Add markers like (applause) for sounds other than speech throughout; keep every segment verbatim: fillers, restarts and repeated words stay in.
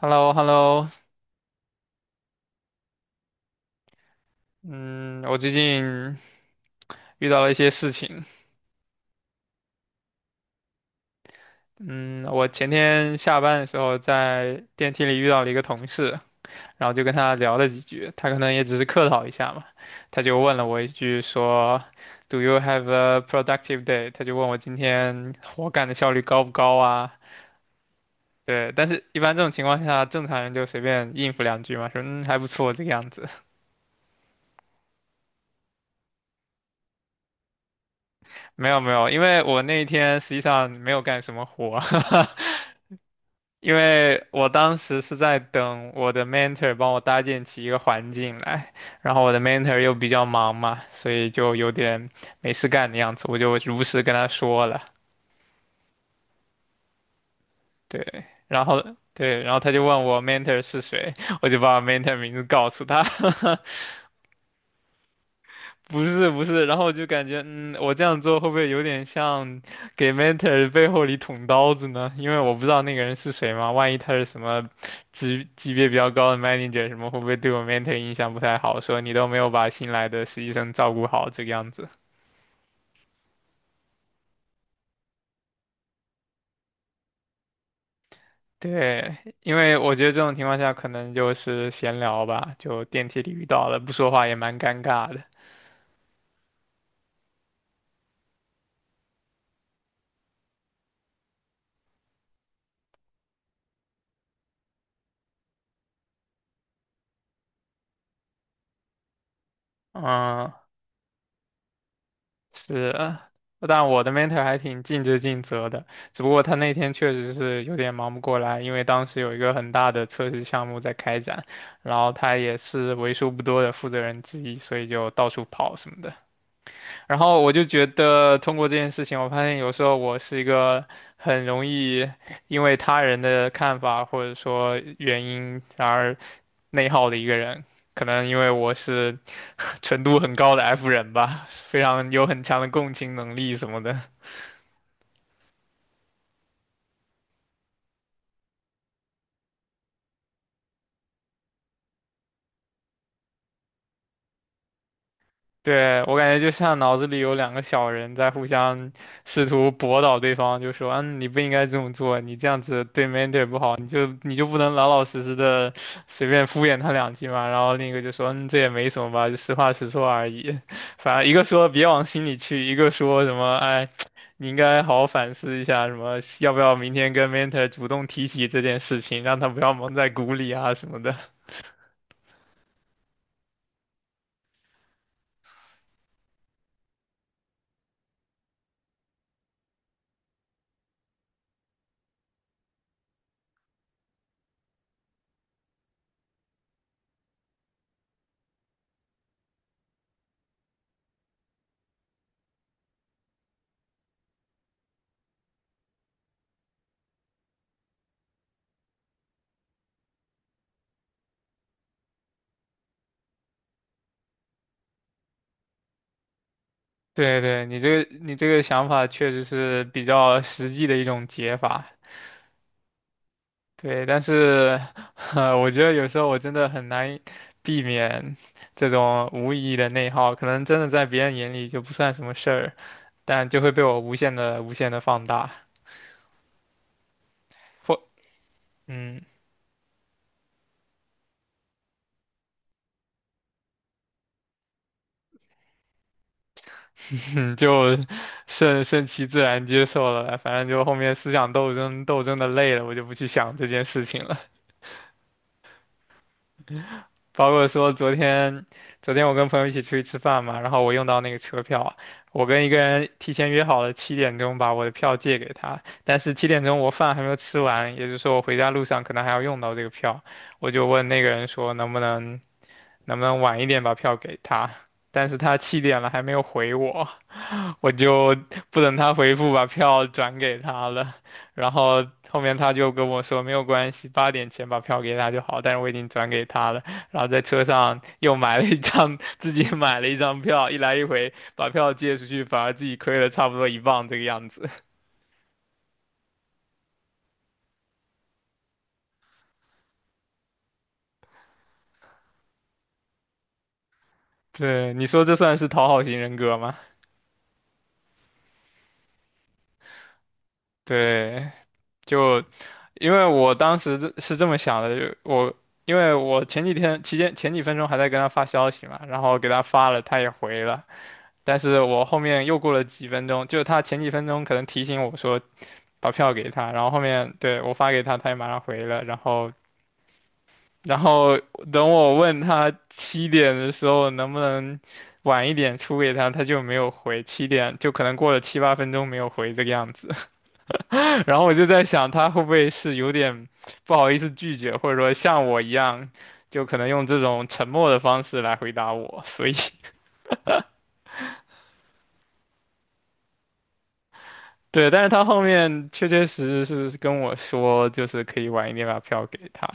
h e l l o hello 嗯，我最近遇到了一些事情。嗯，我前天下班的时候在电梯里遇到了一个同事，然后就跟他聊了几句，他可能也只是客套一下嘛，他就问了我一句说，Do you have a productive day？他就问我今天活干的效率高不高啊？对，但是一般这种情况下，正常人就随便应付两句嘛，说嗯还不错这个样子。没有没有，因为我那一天实际上没有干什么活。(laughs) 因为我当时是在等我的 mentor 帮我搭建起一个环境来，然后我的 mentor 又比较忙嘛，所以就有点没事干的样子，我就如实跟他说了，对，然后对，然后他就问我 mentor 是谁，我就把我 mentor 名字告诉他，(laughs) 不是不是，然后我就感觉，嗯，我这样做会不会有点像给 mentor 背后里捅刀子呢？因为我不知道那个人是谁嘛，万一他是什么级级别比较高的 manager 什么，会不会对我 mentor 印象不太好？说你都没有把新来的实习生照顾好这个样子。对，因为我觉得这种情况下可能就是闲聊吧，就电梯里遇到了，不说话也蛮尴尬的。嗯，是，呃但我的 mentor 还挺尽职尽责的，只不过他那天确实是有点忙不过来，因为当时有一个很大的测试项目在开展，然后他也是为数不多的负责人之一，所以就到处跑什么的。然后我就觉得通过这件事情，我发现有时候我是一个很容易因为他人的看法或者说原因而内耗的一个人。可能因为我是 (laughs) 程度很高的 F 人吧，非常有很强的共情能力什么的。对，我感觉就像脑子里有两个小人在互相试图驳倒对方，就说：“嗯，你不应该这么做，你这样子对 mentor 不好，你就你就不能老老实实的随便敷衍他两句嘛。”然后另一个就说：“嗯，这也没什么吧，就实话实说而已。”反正一个说别往心里去，一个说什么：“哎，你应该好好反思一下，什么要不要明天跟 mentor 主动提起这件事情，让他不要蒙在鼓里啊什么的。”对对，你这个你这个想法确实是比较实际的一种解法，对，但是 (laughs) 呃我觉得有时候我真的很难避免这种无意义的内耗，可能真的在别人眼里就不算什么事儿，但就会被我无限的无限的放大，或嗯，(laughs) 就顺顺其自然接受了，反正就后面思想斗争斗争的累了，我就不去想这件事情了。包括说昨天，昨天我跟朋友一起出去吃饭嘛，然后我用到那个车票，我跟一个人提前约好了七点钟把我的票借给他，但是七点钟我饭还没有吃完，也就是说我回家路上可能还要用到这个票，我就问那个人说能不能能不能晚一点把票给他，但是他七点了还没有回我，我就不等他回复，把票转给他了。然后后面他就跟我说没有关系，八点前把票给他就好，但是我已经转给他了。然后在车上又买了一张，(laughs) 自己买了一张票，一来一回把票借出去，反而自己亏了差不多一磅这个样子。(laughs) 对，你说这算是讨好型人格吗？对，就因为我当时的是这么想的，就我。因为我前几天期间前几分钟还在跟他发消息嘛，然后给他发了，他也回了，但是我后面又过了几分钟，就是他前几分钟可能提醒我说把票给他，然后后面对我发给他，他也马上回了，然后然后等我问他七点的时候能不能晚一点出给他，他就没有回，七点就可能过了七八分钟没有回这个样子，(laughs) 然后我就在想他会不会是有点不好意思拒绝，或者说像我一样，就可能用这种沉默的方式来回答我，所以 (laughs) 对，但是他后面确确实实是跟我说，就是可以晚一点把票给他。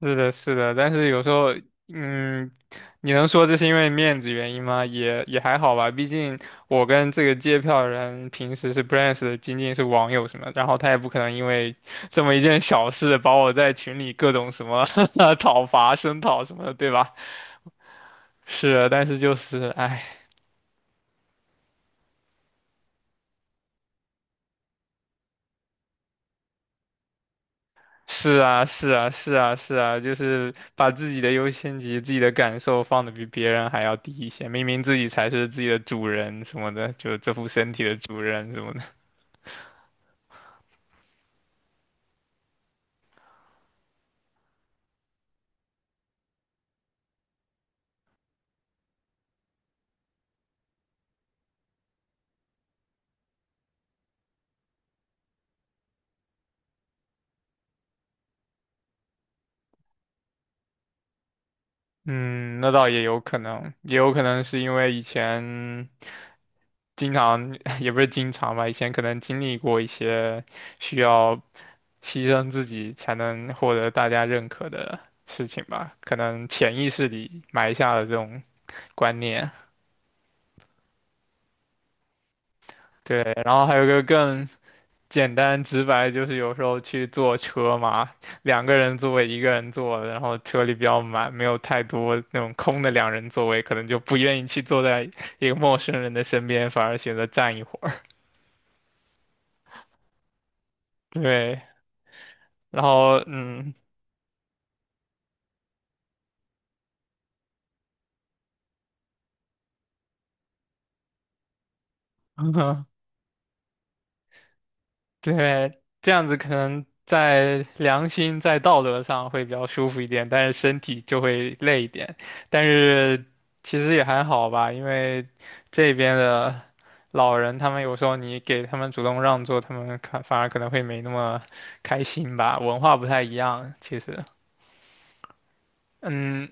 是的，是的，但是有时候，嗯，你能说这是因为面子原因吗？也也还好吧，毕竟我跟这个借票人平时是不认识的，仅仅是网友什么，然后他也不可能因为这么一件小事把我在群里各种什么 (laughs) 讨伐、声讨什么的，对吧？是的但是就是，唉。是啊，是啊，是啊，是啊，就是把自己的优先级、自己的感受放的比别人还要低一些，明明自己才是自己的主人什么的，就这副身体的主人什么的。(laughs) 嗯，那倒也有可能，也有可能是因为以前经常，(laughs) 也不是经常吧，以前可能经历过一些需要牺牲自己才能获得大家认可的事情吧，可能潜意识里埋下了这种观念。对，然后还有一个更简单直白就是有时候去坐车嘛，两个人座位一个人坐，然后车里比较满，没有太多那种空的两人座位，可能就不愿意去坐在一个陌生人的身边，反而选择站一会儿。(laughs) 对，然后嗯，(laughs) 对，这样子可能在良心、在道德上会比较舒服一点，但是身体就会累一点。但是其实也还好吧，因为这边的老人，他们有时候你给他们主动让座，他们看反而可能会没那么开心吧，文化不太一样，其实。嗯，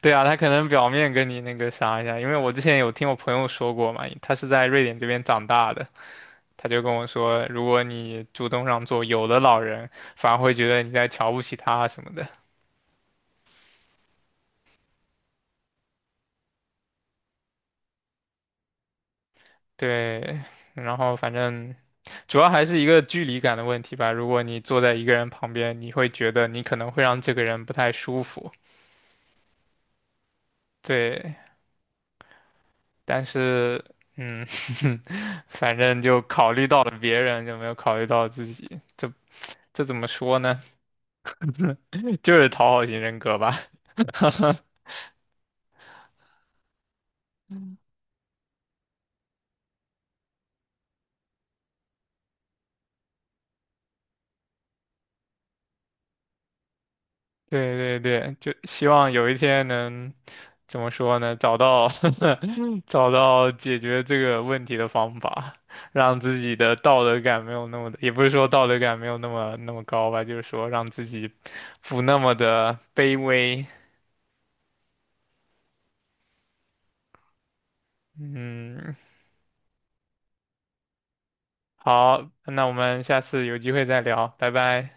对啊，他可能表面跟你那个啥一下，因为我之前有听我朋友说过嘛，他是在瑞典这边长大的。他就跟我说，如果你主动让座，有的老人反而会觉得你在瞧不起他什么的。对，然后反正主要还是一个距离感的问题吧。如果你坐在一个人旁边，你会觉得你可能会让这个人不太舒服。对，但是嗯，(laughs) 反正就考虑到了别人，就没有考虑到自己。这这怎么说呢？(laughs) 就是讨好型人格吧。(laughs) 对对对，就希望有一天能怎么说呢，找到 (laughs) 找到解决这个问题的方法，让自己的道德感没有那么的也不是说道德感没有那么那么高吧，就是说让自己不那么的卑微。嗯，好，那我们下次有机会再聊，拜拜。